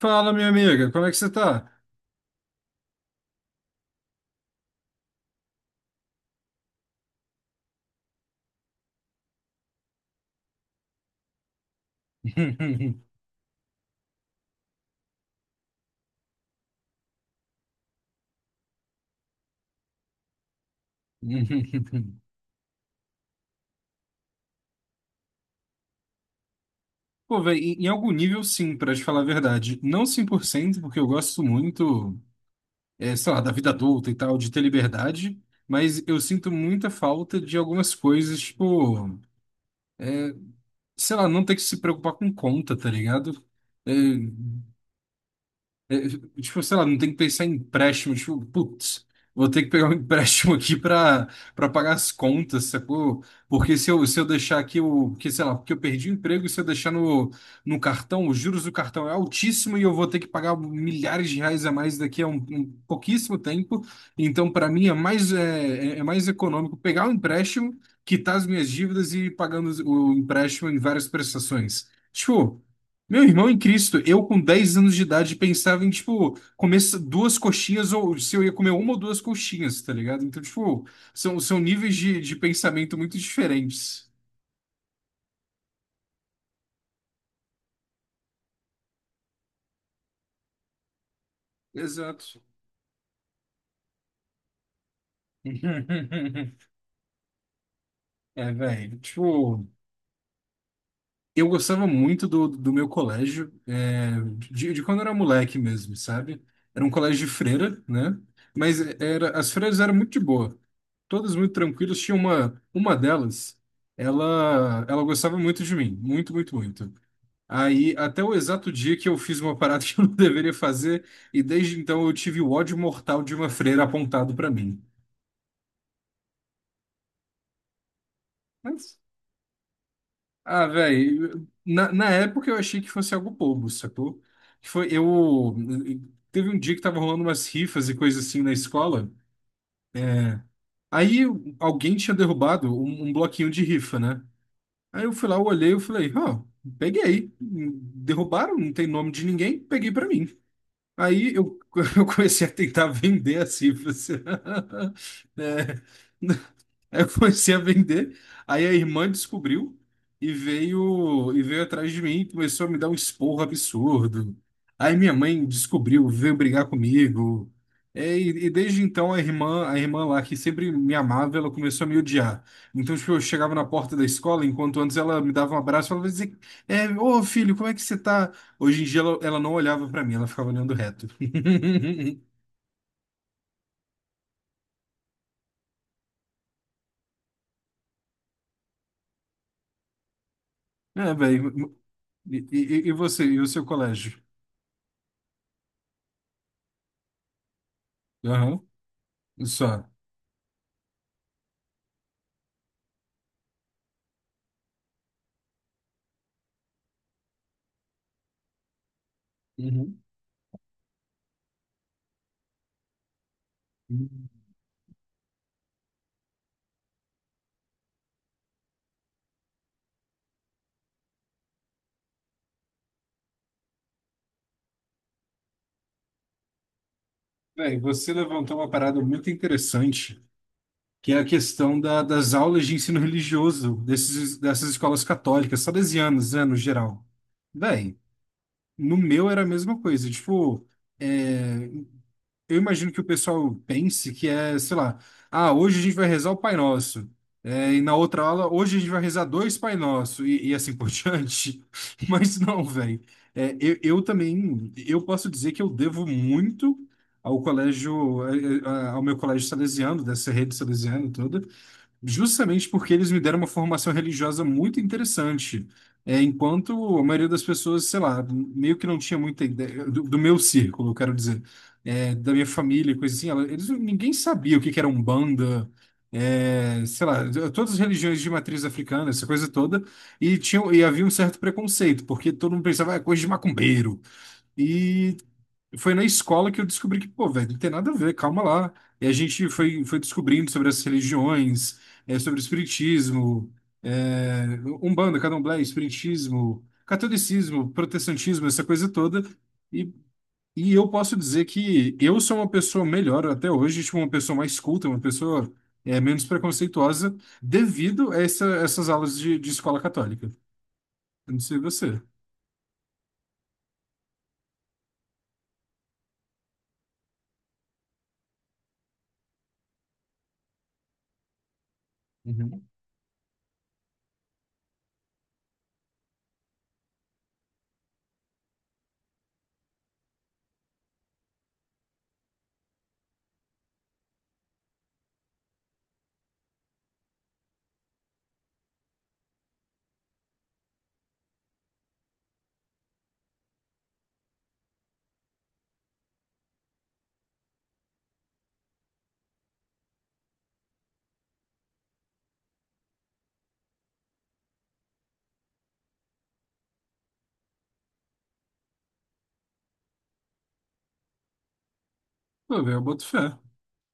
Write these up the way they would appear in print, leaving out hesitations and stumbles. Fala, minha amiga, como é que você tá? Pô, velho, em algum nível, sim, pra te falar a verdade. Não 100%, porque eu gosto muito, é, sei lá, da vida adulta e tal, de ter liberdade, mas eu sinto muita falta de algumas coisas, tipo, sei lá, não ter que se preocupar com conta, tá ligado? Eh, É, tipo, sei lá, não tem que pensar em empréstimo. Tipo, putz, vou ter que pegar um empréstimo aqui pra pagar as contas, sacou? Porque se eu deixar aqui o. Porque, sei lá, porque eu perdi o emprego, se eu deixar no cartão, os juros do cartão é altíssimo e eu vou ter que pagar milhares de reais a mais daqui a um pouquíssimo tempo. Então, para mim, é mais, é mais econômico pegar o empréstimo, quitar as minhas dívidas e ir pagando o empréstimo em várias prestações. Tipo. Meu irmão em Cristo, eu com 10 anos de idade pensava em, tipo, comer duas coxinhas, ou se eu ia comer uma ou duas coxinhas, tá ligado? Então, tipo, são níveis de pensamento muito diferentes. Exato. É, velho. Tipo, eu gostava muito do meu colégio, é, de quando eu era moleque mesmo, sabe? Era um colégio de freira, né? Mas era, as freiras eram muito de boa, todas muito tranquilas. Tinha uma delas, ela gostava muito de mim, muito, muito, muito. Aí, até o exato dia que eu fiz uma parada que eu não deveria fazer, e desde então eu tive o ódio mortal de uma freira apontado pra mim. Ah, velho, na época eu achei que fosse algo bobo, sacou? Que foi, eu teve um dia que tava rolando umas rifas e coisa assim na escola. Aí alguém tinha derrubado um bloquinho de rifa, né? Aí eu fui lá, eu olhei, eu falei, ó, peguei. Derrubaram, não tem nome de ninguém, peguei pra mim. Aí eu, eu comecei a tentar vender as rifas. É. Aí eu comecei a vender. Aí a irmã descobriu e veio atrás de mim, e começou a me dar um esporro absurdo. Aí minha mãe descobriu, veio brigar comigo. É, E desde então a irmã lá que sempre me amava, ela começou a me odiar. Então, tipo, eu chegava na porta da escola, enquanto antes ela me dava um abraço, ela dizia, é, ô filho, como é que você tá? Hoje em dia ela não olhava pra mim, ela ficava olhando reto. É, velho. E você, e o seu colégio? Aham. Só. Uhum. Uhum. Bem, você levantou uma parada muito interessante, que é a questão das aulas de ensino religioso dessas escolas católicas, salesianas, né, no geral. Bem, no meu era a mesma coisa. Tipo, eh, eu imagino que o pessoal pense que é, sei lá, ah, hoje a gente vai rezar o Pai Nosso. É, e na outra aula, hoje a gente vai rezar dois Pai Nosso e assim por diante. Mas não, velho. É, eu também, eu posso dizer que eu devo muito ao colégio, ao meu colégio salesiano, dessa rede salesiana toda. Justamente porque eles me deram uma formação religiosa muito interessante. É, enquanto a maioria das pessoas, sei lá, meio que não tinha muita ideia do meu círculo, eu quero dizer, é, da minha família, coisa assim, eles, ninguém sabia o que que era Umbanda, é, sei lá, todas as religiões de matriz africana, essa coisa toda, e havia um certo preconceito, porque todo mundo pensava, ah, é coisa de macumbeiro. Foi na escola que eu descobri que, pô, velho, não tem nada a ver, calma lá. E a gente foi descobrindo sobre as religiões, é, sobre o espiritismo, é, Umbanda, Candomblé, espiritismo, catolicismo, protestantismo, essa coisa toda. E, e eu posso dizer que eu sou uma pessoa melhor até hoje, tipo, uma pessoa mais culta, uma pessoa, é, menos preconceituosa, devido a essas aulas de escola católica. Eu não sei você. Uhum. Pô, velho, eu boto fé.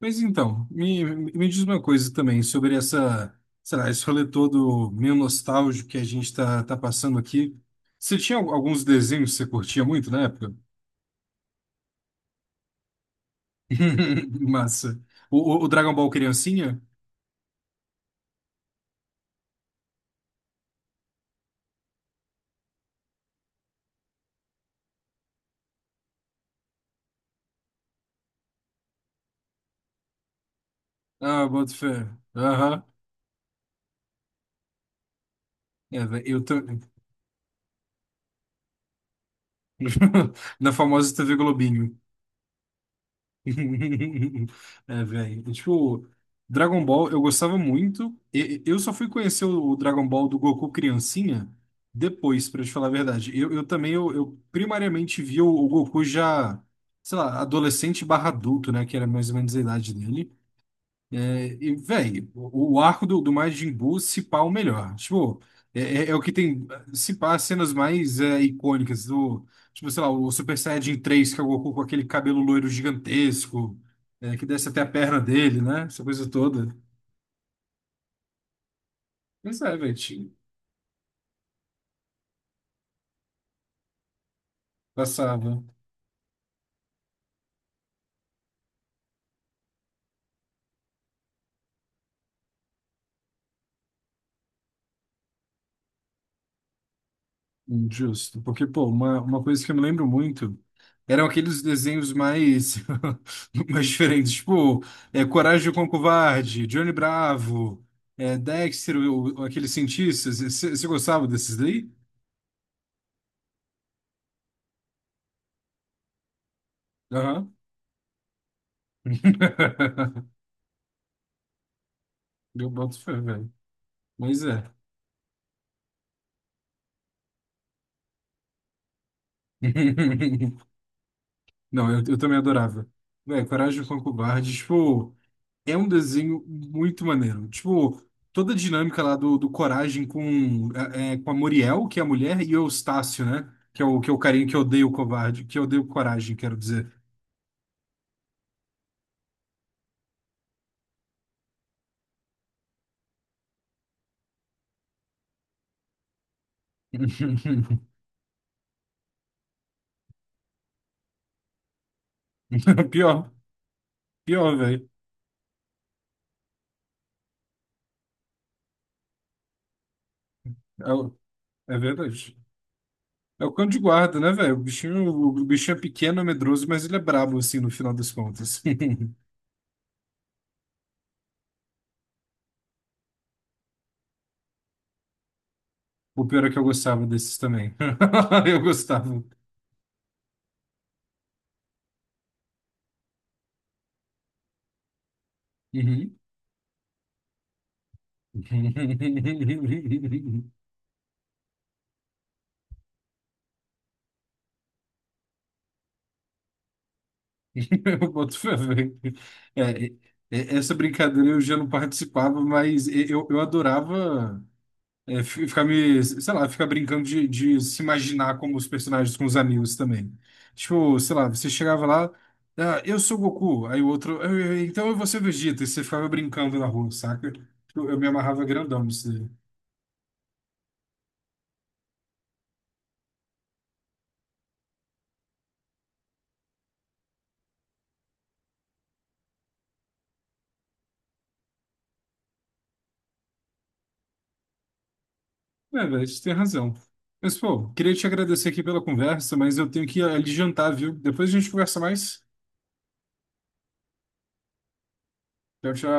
Mas então, me diz uma coisa também sobre essa, sei lá, esse rolê todo meio nostálgico que a gente tá passando aqui. Você tinha alguns desenhos que você curtia muito na época? Massa. O Dragon Ball Criancinha? Ah, boto fé. Aham. É, véi, eu tô... Na famosa TV Globinho. É, velho. É, tipo, Dragon Ball eu gostava muito. Eu só fui conhecer o Dragon Ball do Goku criancinha depois, pra te falar a verdade. Eu também, eu primariamente vi o Goku já, sei lá, adolescente barra adulto, né? Que era mais ou menos a idade dele. E, velho, o arco do Majin Buu, se pá, o melhor. Tipo, é o que tem, se pá, as cenas mais é, icônicas do, tipo, sei lá, o Super Saiyajin 3 que é o Goku com aquele cabelo loiro gigantesco, é, que desce até a perna dele, né? Essa coisa toda. Mas é, velho, passava. Justo, porque, pô, uma coisa que eu me lembro muito eram aqueles desenhos mais, mais diferentes, tipo, é, Coragem com o Covarde, Johnny Bravo, é, Dexter, o, aqueles cientistas. Você gostava desses daí? Aham. Eu boto fé, velho. Mas é. Não, eu também adorava. Velho, Coragem com o Covarde, tipo. É um desenho muito maneiro. Tipo, toda a dinâmica lá do Coragem com, com a Muriel, que é a mulher, e o Eustácio, né? Que é o carinha que odeia o covarde, que odeia o Coragem, quero dizer. Pior, pior, velho. É, é verdade. É o cão de guarda, né, velho? O bichinho é pequeno, é medroso, mas ele é brabo, assim, no final das contas. O pior é que eu gostava desses também. Eu gostava. Uhum. Eu boto fé, velho. É, é, essa brincadeira eu já não participava, mas eu adorava é, ficar me, sei lá, ficar brincando de se imaginar como os personagens com os amigos também. Tipo, sei lá, você chegava lá, ah, eu sou Goku, aí o outro, então eu vou ser Vegeta, e você ficava brincando na rua, saca? Eu me amarrava grandão nisso daí. É, velho, você tem razão. Mas, pô, queria te agradecer aqui pela conversa, mas eu tenho que ir ali jantar, viu? Depois a gente conversa mais. Tchau, tchau.